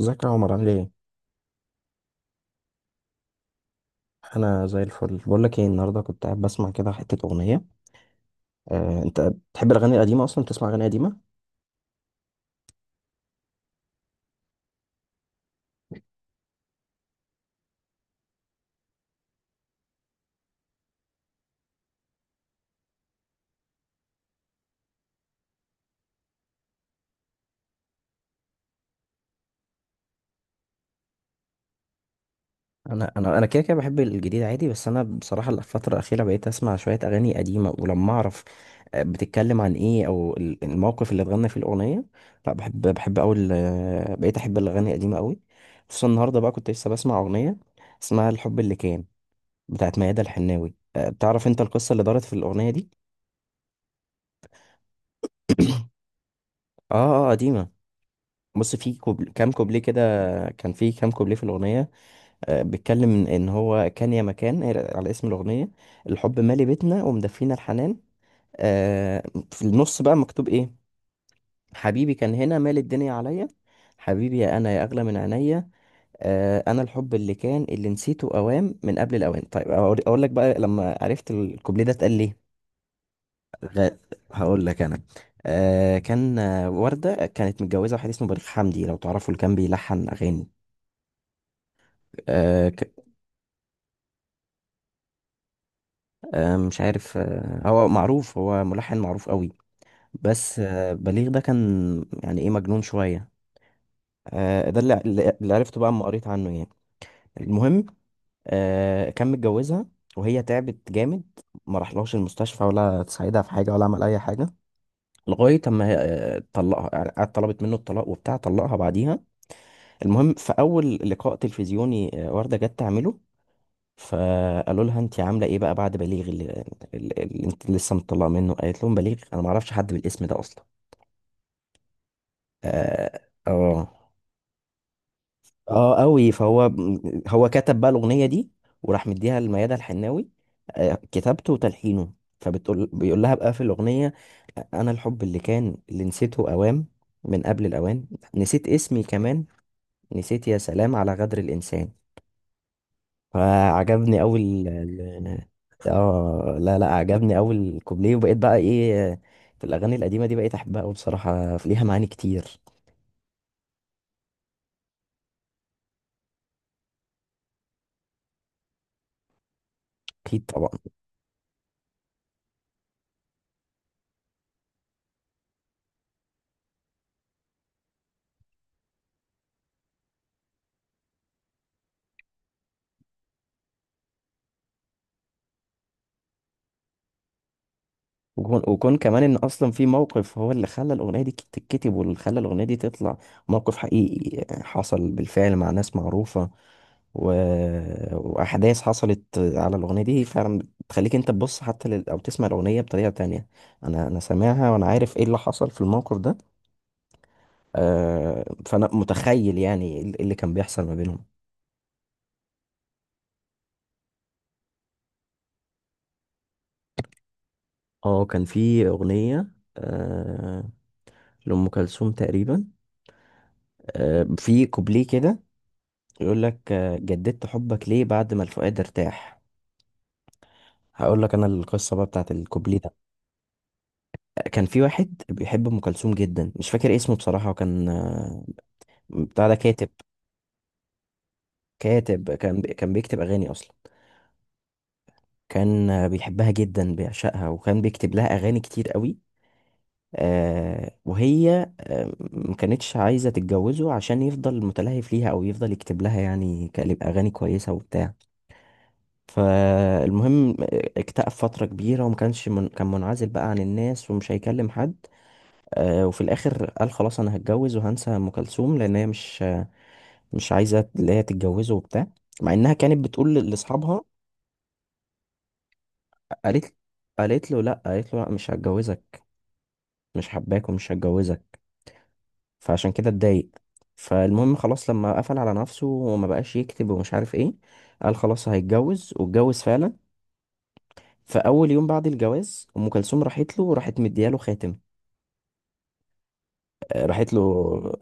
ازيك يا عمر، عامل ايه؟ انا زي الفل. بقول لك ايه، النهارده كنت قاعد بسمع كده حته اغنيه. انت بتحب الاغاني القديمه، اصلا بتسمع اغاني قديمه؟ انا كده كده بحب الجديد عادي، بس انا بصراحه الفتره الاخيره بقيت اسمع شويه اغاني قديمه ولما اعرف بتتكلم عن ايه او الموقف اللي اتغنى فيه الاغنيه. لا بحب، بحب قوي بقيت احب الاغاني القديمه قوي، خصوصا النهارده بقى كنت لسه بسمع اغنيه اسمها الحب اللي كان، بتاعت ميادة الحناوي. بتعرف انت القصه اللي دارت في الاغنيه دي؟ اه اه، قديمه. بص، في كام كوبليه كده. كان في كام كوبليه في الأغنية. بيتكلم إن هو كان يا مكان، على اسم الأغنية، الحب مالي بيتنا ومدفينا الحنان. آه، في النص بقى مكتوب إيه؟ حبيبي كان هنا مال الدنيا عليا، حبيبي يا أنا يا أغلى من عينيا. أنا الحب اللي كان اللي نسيته أوام من قبل الأوان. طيب أقول لك بقى لما عرفت الكوبليه ده اتقال ليه. غ- هقول لك أنا. كان وردة كانت متجوزة واحد اسمه بليغ حمدي، لو تعرفوا، اللي كان بيلحن أغاني. آه ك... مش عارف، هو معروف، هو ملحن معروف قوي. بس بليغ ده كان، يعني، ايه، مجنون شوية. ده اللي عرفته بقى اما قريت عنه يعني. المهم، كان متجوزها وهي تعبت جامد، ما راحلهاش المستشفى ولا تساعدها في حاجة ولا عمل أي حاجة، لغاية أما هي، طلقها. يعني قعدت طلبت منه الطلاق وبتاع، طلقها بعديها. المهم، في أول لقاء تلفزيوني وردة جت تعمله، فقالوا لها انت عامله ايه بقى بعد بليغ اللي انت لسه مطلعه منه؟ قالت لهم، بليغ؟ انا ما اعرفش حد بالاسم ده اصلا. اه اه. اه، قوي. فهو كتب بقى الاغنيه دي وراح مديها لميادة الحناوي، كتابته وتلحينه. بيقول لها بقى في الاغنيه، انا الحب اللي كان اللي نسيته اوام من قبل الاوان، نسيت اسمي كمان، نسيت يا سلام على غدر الانسان. فعجبني أوي. ال ال- اه، لا لا، عجبني أوي الكوبليه. وبقيت بقى ايه، في الأغاني القديمة دي بقيت أحبها أوي بصراحة، ليها معاني كتير. أكيد طبعا. وكون كمان إن أصلا في موقف هو اللي خلى الأغنية دي تتكتب واللي خلى الأغنية دي تطلع، موقف حقيقي حصل بالفعل مع ناس معروفة و... وأحداث حصلت على الأغنية دي فعلا، بتخليك أنت تبص حتى أو تسمع الأغنية بطريقة تانية. أنا سامعها وأنا عارف إيه اللي حصل في الموقف ده. فانا متخيل يعني ايه اللي كان بيحصل ما بينهم. اه، كان في اغنيه آه، لام كلثوم تقريبا، في كوبليه كده يقول لك جددت حبك ليه بعد ما الفؤاد ارتاح. هقول لك انا القصه بقى بتاعت الكوبليه ده. كان في واحد بيحب ام كلثوم جدا، مش فاكر اسمه بصراحه، وكان بتاع ده، كاتب كان بيكتب اغاني اصلا. كان بيحبها جدا، بيعشقها، وكان بيكتب لها اغاني كتير قوي. وهي ما كانتش عايزة تتجوزه عشان يفضل متلهف ليها أو يفضل يكتب لها، يعني، كلمة أغاني كويسة وبتاع. فالمهم اكتئب فترة كبيرة وما كانش كان منعزل بقى عن الناس ومش هيكلم حد. وفي الآخر قال خلاص أنا هتجوز وهنسى أم كلثوم، لأن هي مش عايزة، اللي هي تتجوزه وبتاع، مع إنها كانت بتقول لأصحابها. قالت قالت له لأ، قالت له لأ مش هتجوزك، مش حباك ومش هتجوزك. فعشان كده اتضايق. فالمهم خلاص، لما قفل على نفسه وما بقاش يكتب ومش عارف ايه، قال خلاص هيتجوز، واتجوز فعلا. فاول يوم بعد الجواز ام كلثوم راحت له، راحت مدياله خاتم. راحت له،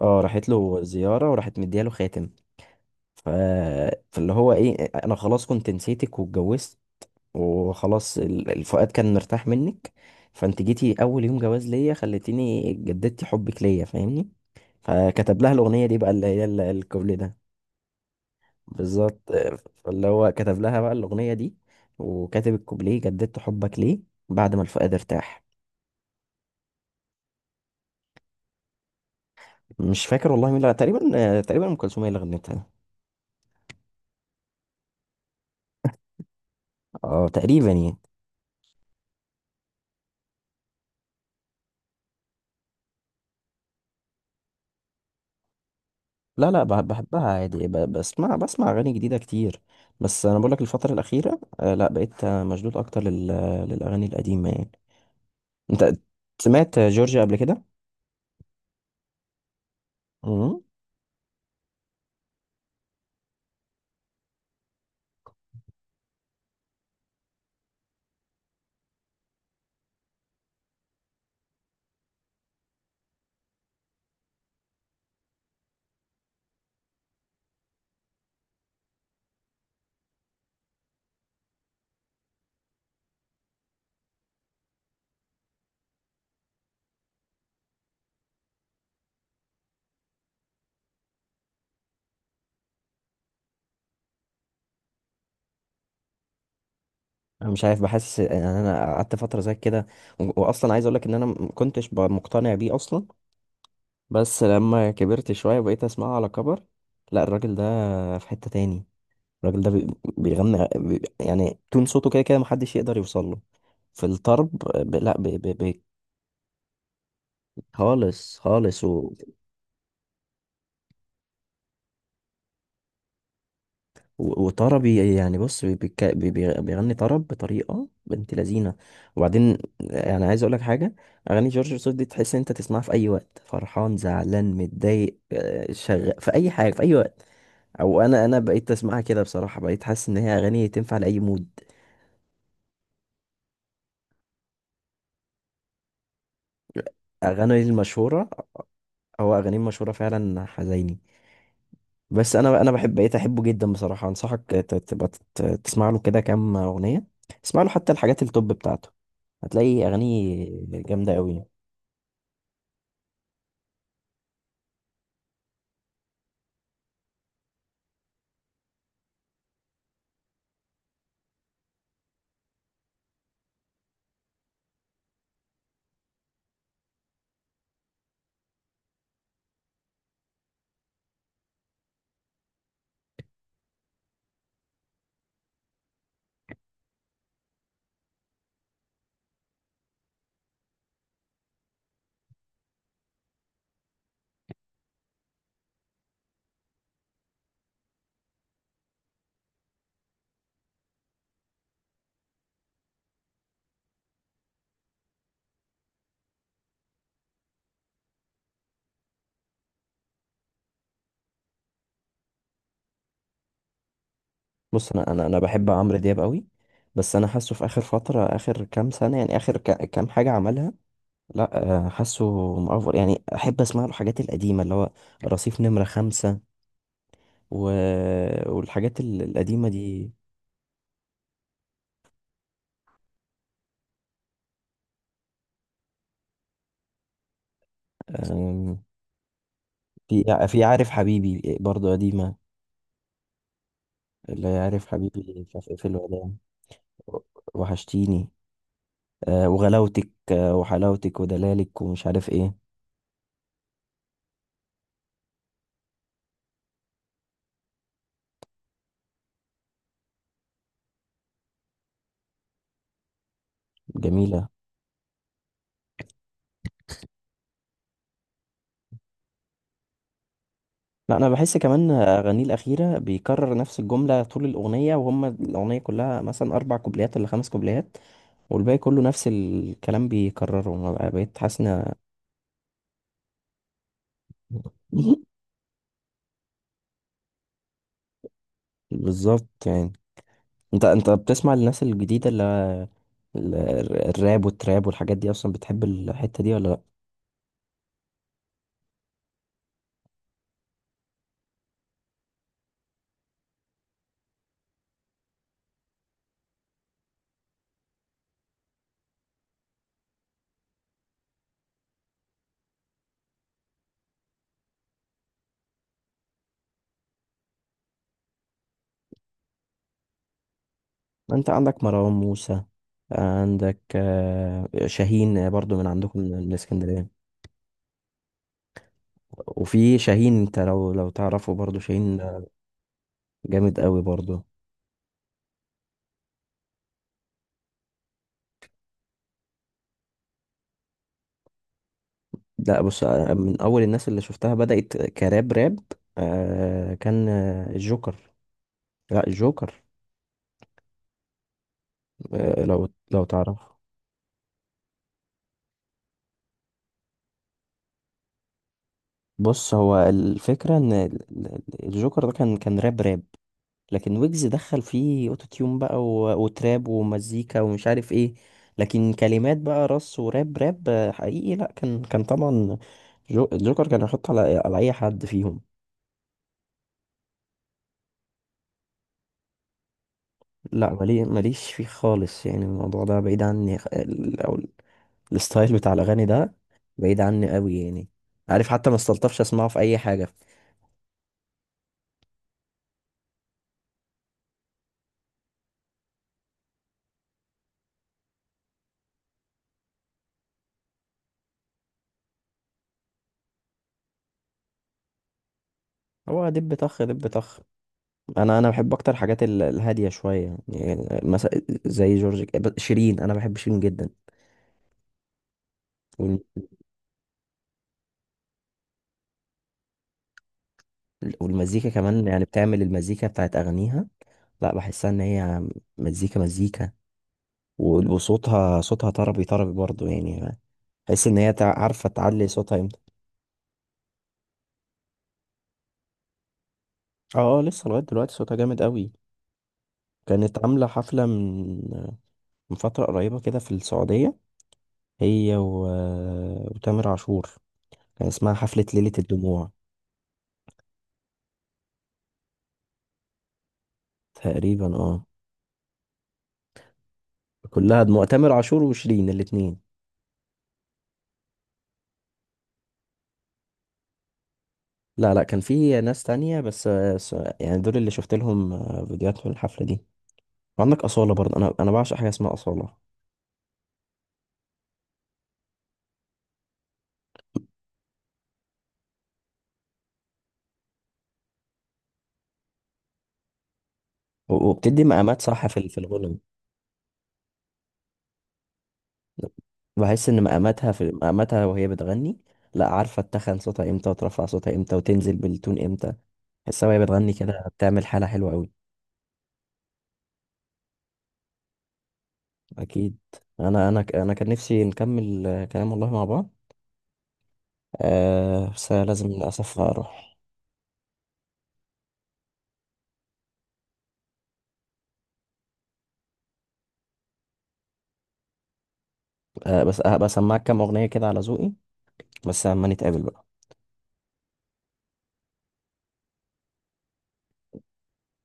اه، راحت له زياره وراحت مدياله خاتم. ف... فاللي هو ايه، انا خلاص كنت نسيتك واتجوزت وخلاص، الفؤاد كان مرتاح منك، فانت جيتي اول يوم جواز ليا خليتيني جددتي حبك ليا، فاهمني؟ فكتب لها الاغنيه دي بقى، اللي هي الكوبليه ده. بالظبط. فاللي هو كتب لها بقى الأغنية دي وكاتب الكوبليه، جددت حبك ليه بعد ما الفؤاد ارتاح. مش فاكر والله مين، لا تقريبا، تقريبا أم كلثوم هي اللي غنتها. اه، تقريبا يعني. لا لا، بحبها عادي، بسمع أغاني جديدة كتير. بس أنا بقولك، الفترة الأخيرة لا، بقيت مشدود أكتر للأغاني القديمة يعني. أنت سمعت جورجيا قبل كده؟ مم. انا مش عارف، بحس يعني، انا قعدت فتره زي كده، واصلا عايز اقول لك ان انا ما كنتش مقتنع بيه اصلا. بس لما كبرت شوية بقيت اسمعه على كبر. لا، الراجل ده في حتة تاني. الراجل ده بيغني، يعني، تون صوته كده كده محدش يقدر يوصل له في الطرب. لا، خالص خالص وطربي، يعني، بص، بي... بيك- بي... بي- بيغني طرب بطريقة بنت لذينة. وبعدين يعني عايز اقول لك حاجة، اغاني جورج وسوف دي تحس إن انت تسمعها في اي وقت، فرحان، زعلان، متضايق، في اي حاجة، في اي وقت. او انا بقيت اسمعها كده بصراحه، بقيت حاسس ان هي اغاني تنفع لاي مود. اغاني المشهوره، او اغاني المشهوره فعلا حزيني. بس انا بحب، بقيت احبه جدا بصراحه. انصحك تبقى تسمع له كده كام اغنيه. اسمع له حتى الحاجات التوب بتاعته، هتلاقي اغاني جامده قوي. بص انا بحب عمرو دياب قوي، بس انا حاسه في اخر فتره، اخر كام سنه يعني، اخر كام حاجه عملها، لا حاسه مأفور يعني. احب اسمع له الحاجات القديمه اللي هو رصيف نمره خمسة و... والحاجات القديمة دي. آم، في عارف حبيبي برضو قديمة، اللي هي عارف حبيبي مش عارف ايه، في الوداع، وحشتيني، وغلاوتك، وحلاوتك ودلالك ومش عارف ايه. جميلة. لا، أنا بحس كمان أغانيه الأخيرة بيكرر نفس الجملة طول الأغنية، وهم الأغنية كلها مثلا أربع كوبليات ولا خمس كوبليات، والباقي كله نفس الكلام بيكرره. ما بقى- بقيت حاسس. بالظبط يعني. انت بتسمع الناس الجديده اللي ال- الراب والتراب والحاجات دي، اصلا بتحب الحته دي ولا لا؟ انت عندك مروان موسى، عندك شاهين برضو، من عندكم، من اسكندريه. وفي شاهين، انت لو تعرفه، برضو شاهين جامد قوي برضو. لا بص، من اول الناس اللي شفتها بدات كراب راب، كان الجوكر. لا، الجوكر. لو تعرفه. بص، هو الفكره ان الجوكر ده كان راب راب، لكن ويجز دخل فيه اوتو تيون بقى وتراب ومزيكا ومش عارف ايه. لكن كلمات بقى رص، وراب راب حقيقي. لا، كان طبعا جوكر كان يحط على اي حد فيهم. لا، ماليش فيه خالص يعني. الموضوع ده بعيد عني، او الستايل بتاع الاغاني ده بعيد عني قوي يعني. عارف، حتى ما استلطفش اسمعه في اي حاجه. هو دب طخ دب طخ. انا بحب اكتر حاجات الهاديه شويه، يعني، مثلا زي جورج، شيرين. انا بحب شيرين جدا، والمزيكا كمان، يعني بتعمل المزيكا بتاعت أغانيها. لا، بحسها إن هي مزيكا مزيكا. وصوتها صوتها طربي طربي برضو يعني. بحس إن هي عارفة تعلي صوتها امتى. اه اه، لسه لغاية دلوقتي صوتها جامد قوي. كانت عاملة حفلة من فترة قريبة كده في السعودية، هي وتامر عاشور. كان اسمها حفلة ليلة الدموع. تقريبا اه. كلها دموع، تامر عاشور وشيرين الاتنين. لا لا، كان في ناس تانية بس يعني دول اللي شفت لهم فيديوهات في الحفلة دي. وعندك أصالة برضه. أنا بعشق حاجة اسمها أصالة. وبتدي مقامات صح في في الغنى. بحس إن مقاماتها، في مقاماتها وهي بتغني، لا عارفة تتخن صوتها إمتى وترفع صوتها إمتى وتنزل بالتون إمتى. بحسها وهي بتغني كده بتعمل حالة حلوة أوي. أكيد. أنا كان نفسي نكمل كلام والله مع بعض. أه بس لازم للأسف أروح. أه بس هبقى أسمعك كام أغنية كده على ذوقي، بس أما نتقابل بقى.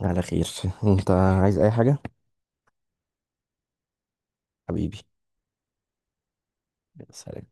على خير. انت عايز اي حاجة؟ حبيبي. يا سلام.